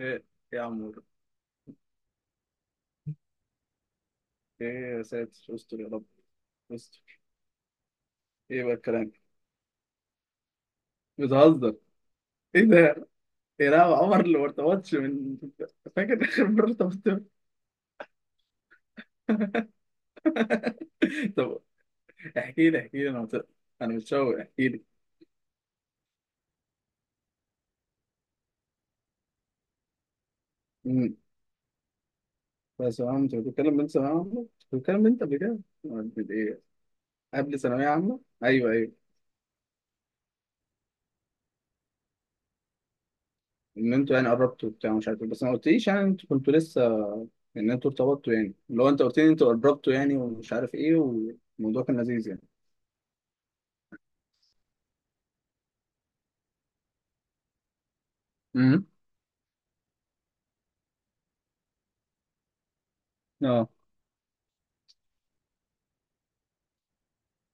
ايه يا عم ده؟ ايه يا ساتر، استر يا رب، استر. ايه بقى الكلام؟ بتهزر؟ ايه ده؟ ايه، لا عمر اللي ما ارتبطش من. فاكر اخر مره ارتبطت امتى؟ طب، احكي لي احكي لي، انا متشوق، احكي لي. امم. بس يا عم انت بتتكلم من ثانويه عامه، كنت بتتكلم من انت قبل كده؟ قبل ايه؟ قبل ثانويه عامه، ايوه ايوه. ان انتوا يعني قربتوا وبتاع مش عارف إيه. بس ما قلتليش يعني انتوا كنتوا لسه، ان انتوا ارتبطتوا. يعني لو انت قلت لي انتوا قربتوا يعني ومش عارف ايه والموضوع كان لذيذ يعني. امم. اه.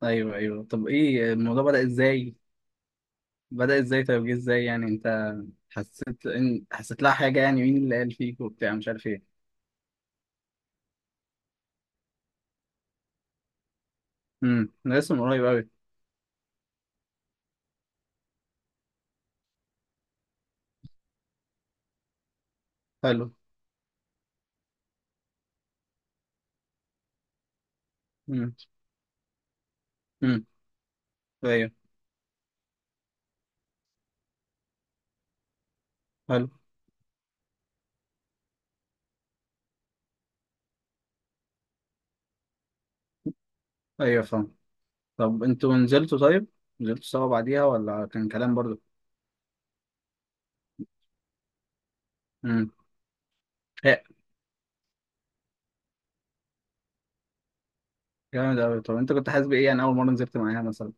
ايوه ايوه، طب ايه الموضوع بدأ ازاي؟ بدأ ازاي طيب، جه ازاي يعني؟ انت حسيت لها حاجه يعني، مين اللي قال فيك وبتاع مش عارف ايه؟ امم، ده لسه من قريب قوي. حلو. امم. امم. ايوه. حلو. ايوه فاهم. طب انتوا نزلتوا؟ طيب، نزلتوا سوا بعديها ولا كان كلام برضو؟ امم. جامد قوي، طب انت كنت حاسس بايه يعني اول مره نزلت معاها مثلا؟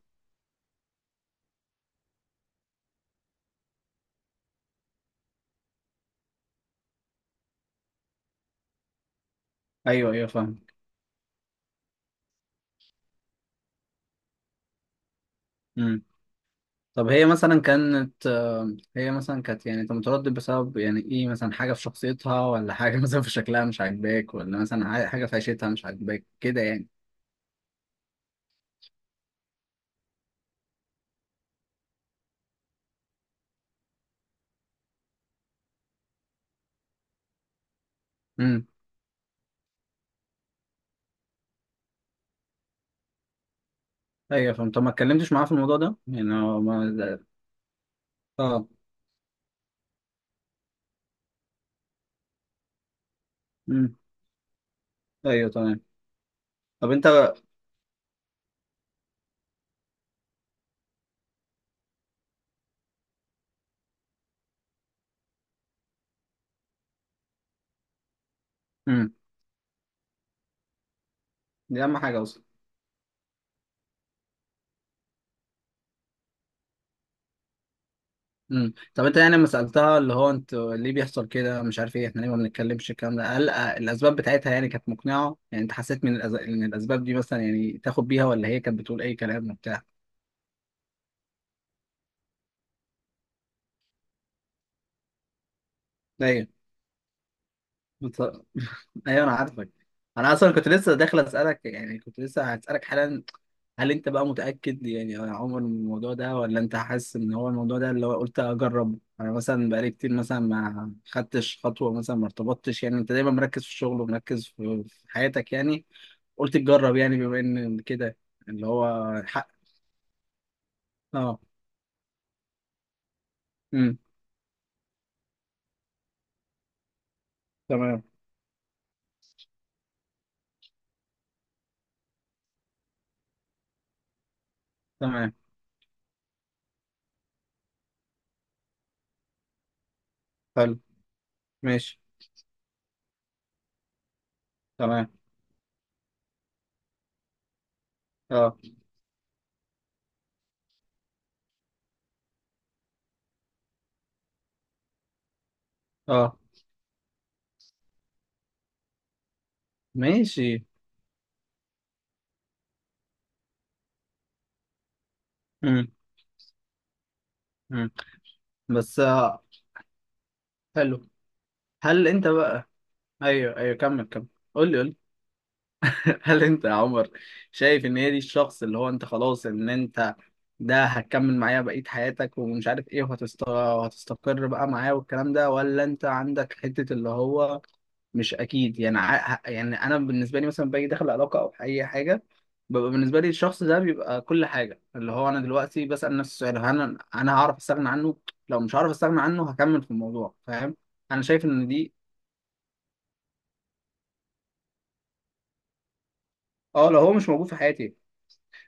ايوه ايوه فاهم. طب هي مثلا كانت هي مثلا كانت، يعني انت متردد بسبب يعني ايه؟ مثلا حاجة في شخصيتها، ولا حاجة مثلا في شكلها مش عاجباك، ولا مثلا حاجة في عيشتها مش عاجباك كده يعني. امم. ايوه فهمت. طب ما اتكلمتش معاها في الموضوع ده يعني هو ما اه. امم. ايوه تمام. طب انت. امم، دي اهم حاجة اصلا. امم، طب انت يعني لما سألتها اللي هو انت ليه بيحصل كده مش عارف ايه، احنا ليه ما بنتكلمش الكلام ده؟ هل الاسباب بتاعتها يعني كانت مقنعة؟ يعني انت حسيت من ان الاسباب دي مثلا يعني تاخد بيها، ولا هي كانت بتقول اي كلام وبتاع؟ ايوه. بص- ايوه انا عارفك. انا اصلا كنت لسه داخل اسالك، يعني كنت لسه هسالك حالا. هل انت بقى متاكد يعني يا عمر من الموضوع ده، ولا انت حاسس ان هو الموضوع ده اللي هو قلت اجرب؟ انا مثلا بقالي كتير مثلا ما خدتش خطوه، مثلا ما ارتبطتش، يعني انت دايما مركز في الشغل ومركز في حياتك يعني. قلت تجرب يعني بما ان كده، اللي هو حق. اه. امم. تمام. تمام. حلو. ماشي. تمام. اه. اه. ماشي. امم. امم. بس حلو. هل انت بقى. ايوه ايوه، كمل كمل، قول لي قول لي. هل انت يا عمر شايف ان هي دي الشخص اللي هو انت خلاص، ان انت ده هتكمل معاه بقية حياتك ومش عارف ايه، وهتستقر بقى معاه والكلام ده، ولا انت عندك حتة اللي هو مش اكيد يعني؟ يعني انا بالنسبة لي مثلا باجي داخل علاقة او اي حاجة، ببقى بالنسبة لي الشخص ده بيبقى كل حاجة. اللي هو انا دلوقتي بسأل نفسي السؤال: هل انا هعرف استغنى عنه؟ لو مش هعرف استغنى عنه هكمل في الموضوع، فاهم؟ انا شايف ان دي. اه، لو هو مش موجود في حياتي.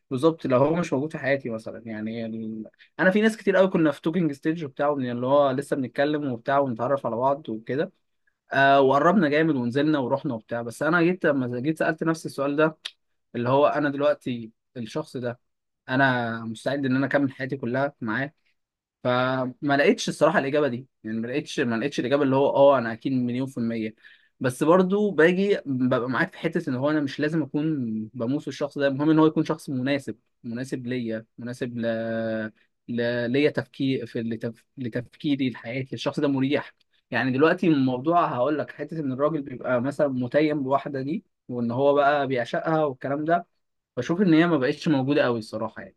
بالظبط، لو هو مش موجود في حياتي مثلا يعني انا في ناس كتير قوي كنا في توكينج ستيج وبتاع اللي هو لسه بنتكلم وبتاع ونتعرف على بعض وكده. وقربنا جامد ونزلنا ورحنا وبتاع. بس انا جيت، لما جيت سألت نفسي السؤال ده، اللي هو انا دلوقتي الشخص ده، انا مستعد ان انا اكمل حياتي كلها معاه؟ فما لقيتش الصراحه الاجابه دي، يعني ما لقيتش الاجابه اللي هو اه انا اكيد 1,000,000%. بس برضو باجي ببقى معاك في حته، ان هو انا مش لازم اكون بموس الشخص ده. المهم ان هو يكون شخص مناسب ليا، ليا تفكير في لتفكيري لحياتي، الشخص ده مريح. يعني دلوقتي الموضوع هقول لك حته ان الراجل بيبقى مثلا متيم بواحده دي، وان هو بقى بيعشقها والكلام ده، بشوف ان هي ما بقتش موجوده قوي الصراحه يعني.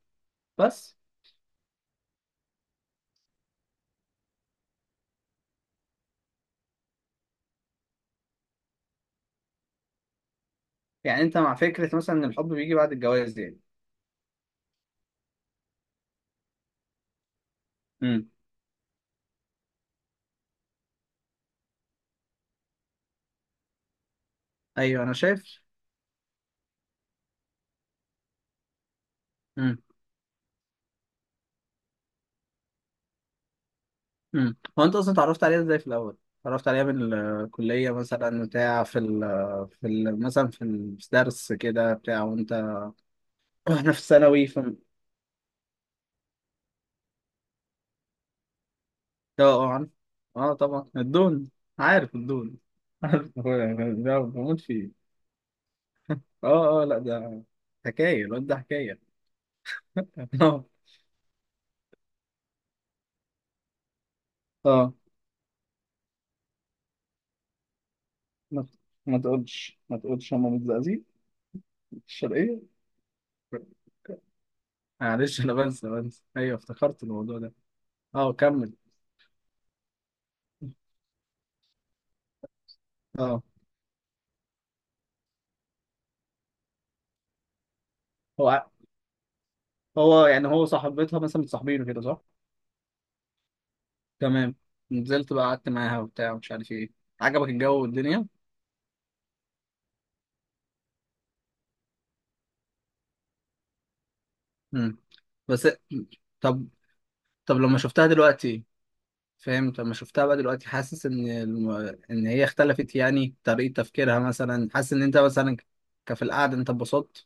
بس. يعني انت مع فكره مثلا ان الحب بيجي بعد الجواز يعني؟ امم. ايوه انا شايف. امم. امم، هو انت اصلا اتعرفت عليها ازاي في الاول؟ اتعرفت عليها من الكليه مثلا، بتاع في ال في ال مثلا في الدرس كده، بتاع وانت واحنا في الثانوي ف اه اه، عارف. اه طبعا الدون. عارف الدون. عارف اخويا ده بموت فيه. اه اه، لا، ده حكايه، الواد ده حكايه. اه. اه، ما ما تقولش، ما تقولش هم متزقزقين في الشرقيه. معلش انا بنسى بنسى، ايوه افتكرت الموضوع ده. اه كمل. اه، هو هو صاحبتها مثلا متصاحبينه كده، صح؟ تمام. نزلت بقى قعدت معاها وبتاع ومش عارف ايه. عجبك الجو والدنيا؟ امم. بس طب طب لما شفتها دلوقتي، فاهم؟ لما شفتها بقى دلوقتي حاسس ان ان هي اختلفت يعني طريقة تفكيرها مثلا، حاسس ان انت مثلا في القعدة انت اتبسطت؟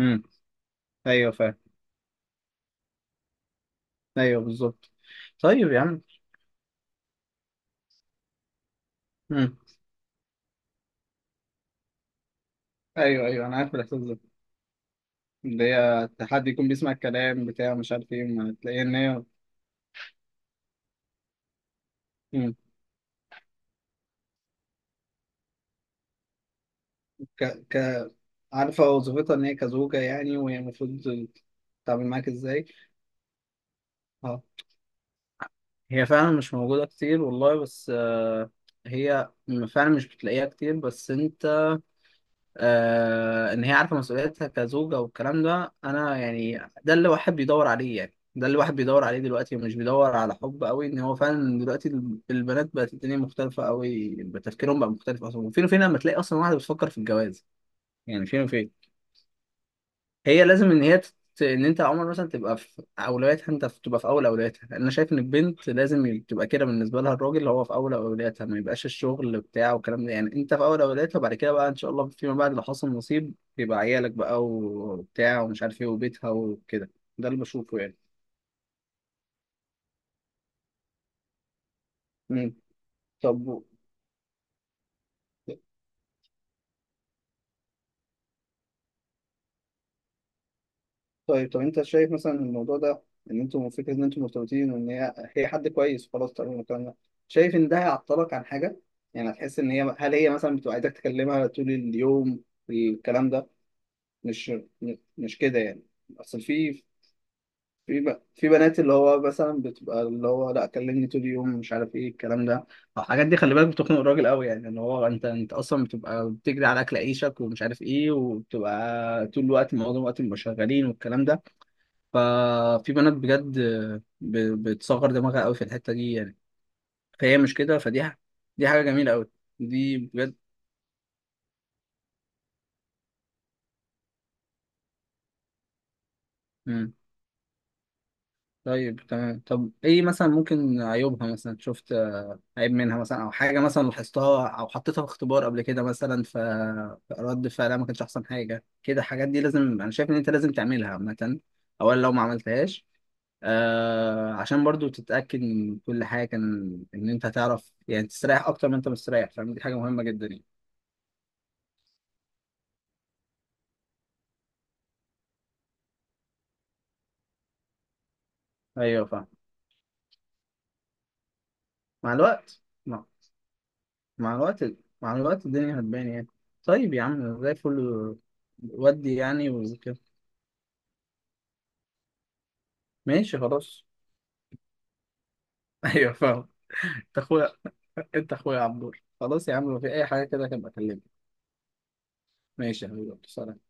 امم ايوه فاهم. ايوه بالظبط. طيب يا عم. امم، ايوه ايوه انا عارف الاحساس ده. اللي هي حد يكون بيسمع الكلام بتاع مش عارف ايه، ما تلاقيها ان هي. مم. ك... ك... عارفة وظيفتها ان هي كزوجة يعني، وهي المفروض تتعامل معاك ازاي. اه، هي فعلا مش موجودة كتير والله، بس هي فعلا مش بتلاقيها كتير. بس انت ان هي عارفه مسؤوليتها كزوجه والكلام ده، انا يعني ده اللي الواحد بيدور عليه يعني، ده اللي الواحد بيدور عليه دلوقتي، ومش بيدور على حب قوي. ان هو فعلا دلوقتي البنات بقت، الدنيا مختلفه قوي، تفكيرهم بقى مختلف اصلا. وفين وفين لما تلاقي اصلا واحده بتفكر في الجواز، يعني فين وفين. هي لازم ان هي ان انت يا عمر مثلا تبقى في اولوياتها، انت تبقى في اول اولوياتها. انا شايف ان البنت لازم تبقى كده بالنسبه لها، الراجل اللي هو في اول اولوياتها، ما يبقاش الشغل بتاعه والكلام ده يعني. انت في اول اولوياتها، وبعد كده بقى ان شاء الله فيما بعد لو حصل نصيب يبقى عيالك بقى وبتاع ومش عارف ايه وبيتها وكده. ده اللي بشوفه يعني. مم. طب طيب. طب انت شايف مثلا الموضوع ده، ان انتوا فكره ان انتوا مرتبطين، وان هي حد كويس وخلاص تقريبا الكلام ده، شايف ان ده هيعطلك عن حاجه؟ يعني هتحس ان هي هل هي مثلا بتبقى عايزاك تكلمها طول اليوم الكلام ده؟ مش. مش كده يعني. اصل في، في بنات اللي هو مثلا بتبقى اللي هو لا كلمني طول اليوم مش عارف ايه الكلام ده. الحاجات دي خلي بالك بتخنق الراجل قوي، يعني ان هو انت اصلا بتبقى بتجري على اكل عيشك ومش عارف ايه، وبتبقى طول الوقت، معظم الوقت بيبقوا شغالين والكلام ده. ففي بنات بجد بتصغر دماغها قوي في الحتة دي يعني. فهي مش كده، دي حاجة جميلة قوي، دي بجد. مم. طيب تمام. طب ايه مثلا ممكن عيوبها، مثلا شفت عيب منها مثلا، او حاجة مثلا لاحظتها، او حطيتها في اختبار قبل كده مثلا، فرد فعلها ما كانش احسن حاجة كده؟ الحاجات دي لازم، انا شايف ان انت لازم تعملها عامة، اولا لو ما عملتهاش. عشان برضو تتأكد من كل حاجة كان إن أنت هتعرف، يعني تستريح أكتر ما أنت مستريح، فاهم؟ دي حاجة مهمة جدا يعني. أيوه فاهم. مع الوقت، مع الوقت مع الوقت الدنيا هتبان يعني. طيب يا عم زي الفل. ودي يعني وكده. ماشي خلاص. أيوه فاهم. أنت أخويا، أنت أخويا يا عبدور، خلاص يا عم لو في أي حاجة كده كان بكلمك. ماشي يا حبيبي، سلام.